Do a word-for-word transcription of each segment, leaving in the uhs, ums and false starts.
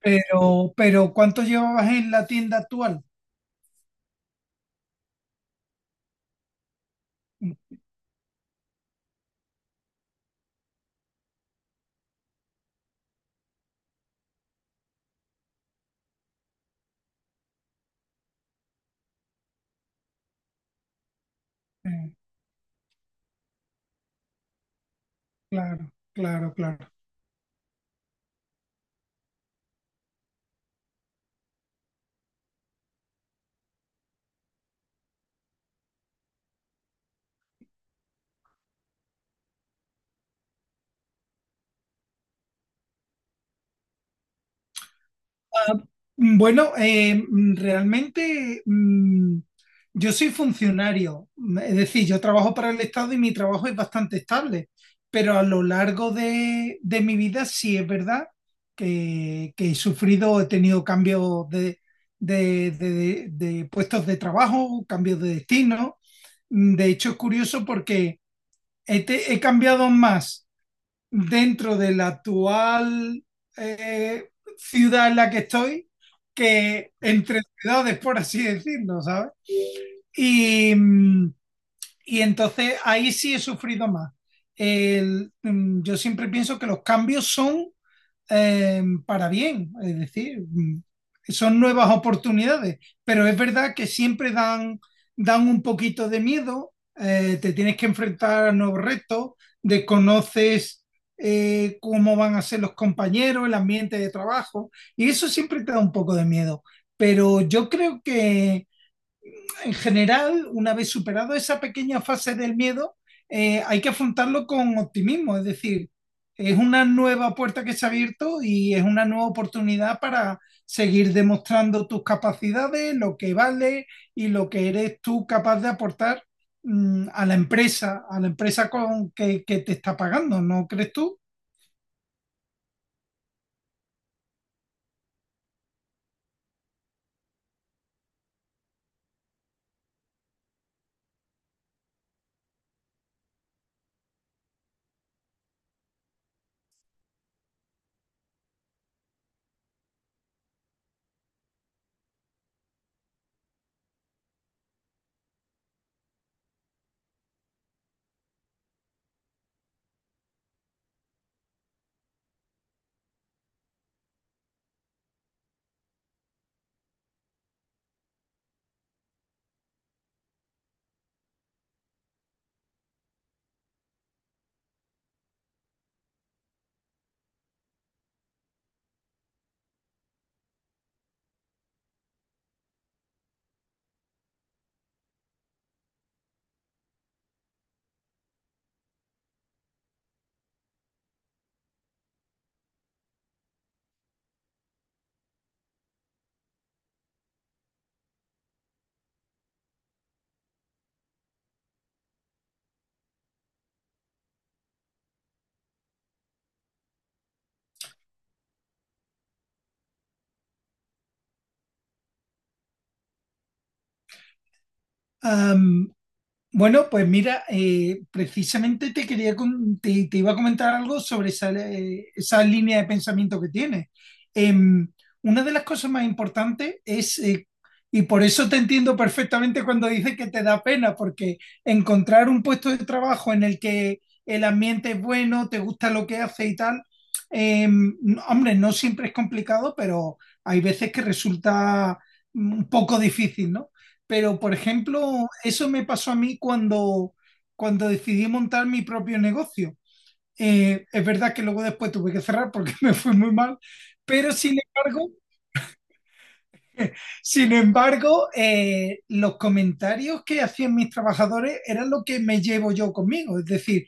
Pero, pero ¿cuánto llevabas en la tienda actual? Mm. Eh, claro, claro, claro. Ah, mm, bueno, eh, mm, realmente, mm, yo soy funcionario, mm, es decir, yo trabajo para el Estado y mi trabajo es bastante estable, pero a lo largo de, de mi vida sí es verdad que, que he sufrido, he tenido cambios de, de, de- de puestos de trabajo, cambios de destino. Mm. De hecho, es curioso porque he te- he cambiado más dentro de la actual eh, ciudad en la que estoy que entre ciudades, por así decirlo, ¿sabes? Y, y entonces ahí sí he sufrido más. El- mm, yo siempre pienso que los cambios son eh, para bien, es decir, mm, son nuevas oportunidades, pero es verdad que siempre dan, dan un poquito de miedo. Eh, te tienes que enfrentar a nuevos retos, desconoces eh, cómo van a ser los compañeros, el ambiente de trabajo, y eso siempre te da un poco de miedo, pero yo creo que en general, una vez superado esa pequeña fase del miedo, eh, hay que afrontarlo con optimismo, es decir, es una nueva puerta que se ha abierto y es una nueva oportunidad para seguir demostrando tus capacidades, lo que vale y lo que eres tú capaz de aportar mm, a la empresa, a la empresa con que, que te está pagando, ¿no crees tú? Um, Bueno, pues mira, eh, precisamente te quería con- te, te iba a comentar algo sobre esa, eh, esa línea de pensamiento que tienes. Em, una de las cosas más importantes es, eh, y por eso te entiendo perfectamente cuando dices que te da pena, porque encontrar un puesto de trabajo en el que el ambiente es bueno, te gusta lo que hace y tal, em, no, hombre, no siempre es complicado, pero hay veces que resulta mm, un poco difícil, ¿no? Pero, por ejemplo, eso me pasó a mí cuando, cuando decidí montar mi propio negocio. Eh, es verdad que luego después tuve que cerrar porque me fue muy mal, pero sin embargo, sin embargo, eh, los comentarios que hacían mis trabajadores eran lo que me llevo yo conmigo. Es decir,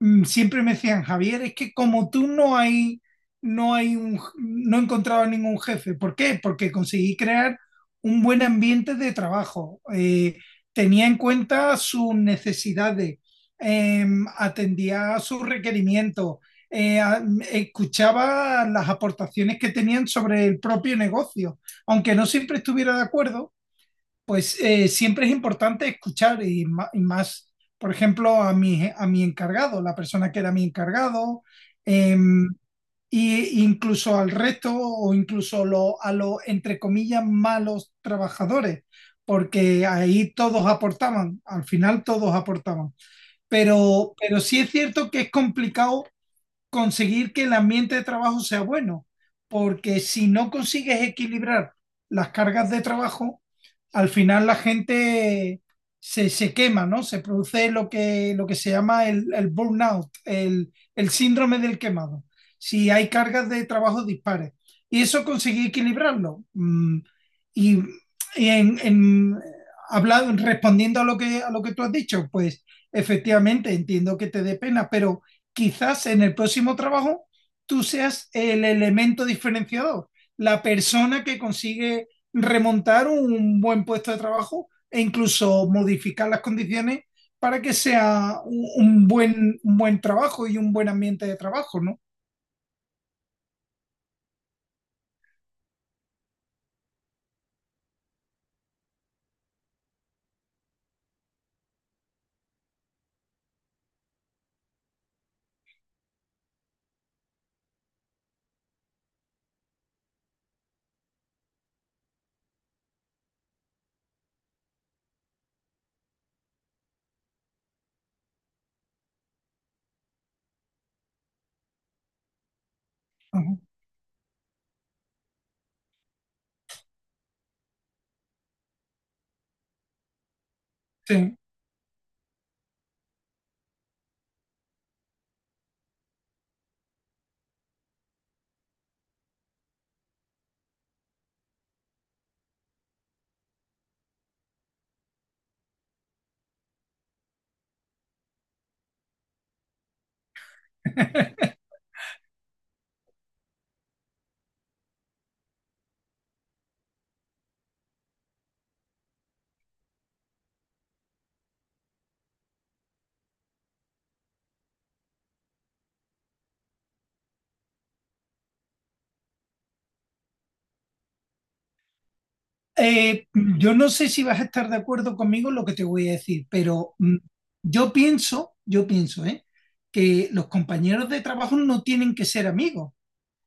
mm, siempre me decían: "Javier, es que como tú no hay, no hay un, no he encontrado ningún jefe". ¿Por qué? Porque conseguí crear un buen ambiente de trabajo. Eh, tenía en cuenta sus necesidades, eh, atendía a sus requerimientos, eh, a- escuchaba las aportaciones que tenían sobre el propio negocio, aunque no siempre estuviera de acuerdo, pues eh, siempre es importante escuchar y, ma- y más, por ejemplo, a mi, a mi encargado, la persona que era mi encargado, em, y incluso al resto, o incluso lo- a los, entre comillas, malos trabajadores, porque ahí todos aportaban, al final todos aportaban. Pero, pero sí es cierto que es complicado conseguir que el ambiente de trabajo sea bueno, porque si no consigues equilibrar las cargas de trabajo, al final la gente se, se quema, ¿no? Se produce lo que, lo que se llama el, el burnout, el, el síndrome del quemado, si hay cargas de trabajo dispares. Y eso conseguí equilibrarlo. Mm. Y, y en, en- Hablado, respondiendo a lo que, a lo que tú has dicho, pues efectivamente entiendo que te dé pena, pero quizás en el próximo trabajo tú seas el elemento diferenciador, la persona que consigue remontar un buen puesto de trabajo e incluso modificar las condiciones para que sea un, un buen, un buen trabajo y un buen ambiente de trabajo, ¿no? Ajá, sí. Eh, yo no sé si vas a estar de acuerdo conmigo en lo que te voy a decir, pero mm, yo pienso, yo pienso, ¿eh? Que los compañeros de trabajo no tienen que ser amigos.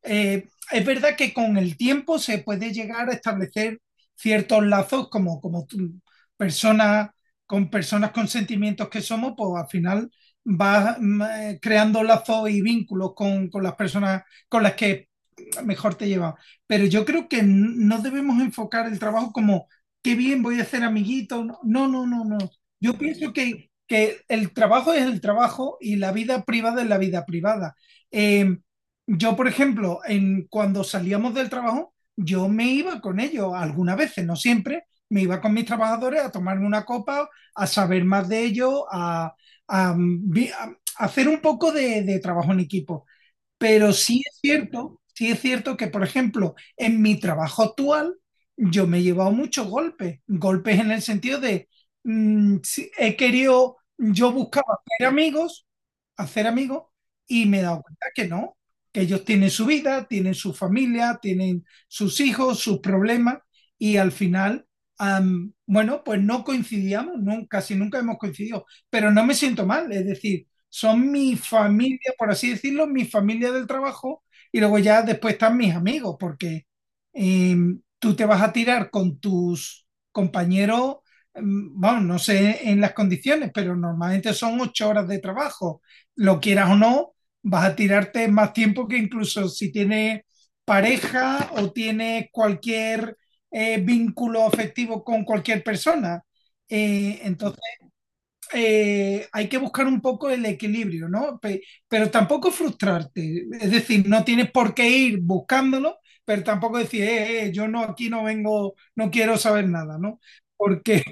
Eh, es verdad que con el tiempo se puede llegar a establecer ciertos lazos como, como tú- personas con personas con sentimientos que somos, pues al final vas mm, eh, creando lazos y vínculos con, con las personas con las que mejor te llevas. Pero yo creo que n- no debemos enfocar el trabajo como qué bien voy a hacer amiguito. No, no, no, no, no. Yo pienso que, que el trabajo es el trabajo y la vida privada es la vida privada. Eh, yo, por ejemplo, en, cuando salíamos del trabajo, yo me iba con ellos, algunas veces, no siempre, me iba con mis trabajadores a tomarme una copa, a saber más de ellos, a, a mm, vi- a hacer un poco de, de trabajo en equipo. Pero sí es cierto, sí es cierto que, por ejemplo, en mi trabajo actual, yo me he llevado muchos golpes, golpes en el sentido de, mm, sí, he querido, yo buscaba hacer amigos hacer amigos, y me he dado cuenta que no, que ellos tienen su vida, tienen su familia, tienen sus hijos, sus problemas, y al final, am, bueno, pues no coincidíamos, nunca, casi nunca hemos coincidido, pero no me siento mal, es decir, son mi familia, por así decirlo, mi familia del trabajo, y luego ya después están mis amigos, porque em, tú te vas a tirar con tus compañeros, em, bueno, no sé en las condiciones, pero normalmente son ocho horas de trabajo, lo quieras o no, vas a tirarte más tiempo que incluso si tienes pareja o tienes cualquier eh, vínculo afectivo con cualquier persona. Eh, entonces, eh, hay que buscar un poco el equilibrio, ¿no? Pe- pero tampoco frustrarte, es decir, no tienes por qué ir buscándolo, pero tampoco decir: eh, eh, yo no, aquí no vengo, no quiero saber nada", ¿no? Porque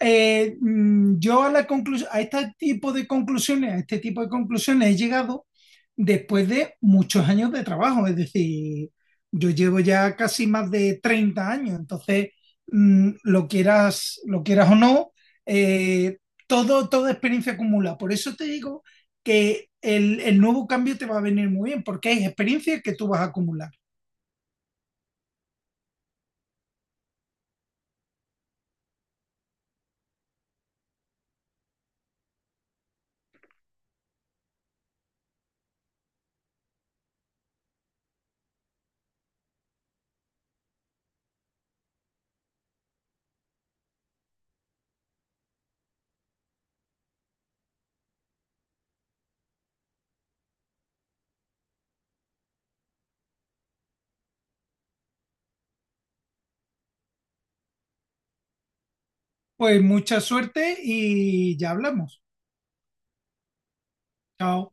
eh, mm, yo a, la conclusión, a este tipo de conclusiones, a este tipo de conclusiones he llegado después de muchos años de trabajo, es decir, yo llevo ya casi más de treinta años. Entonces, mmm, lo, quieras, lo quieras o no, eh, todo, toda experiencia acumula. Por eso te digo que el, el, nuevo cambio te va a venir muy bien, porque hay experiencias que tú vas a acumular. Pues mucha suerte y ya hablamos. Chao.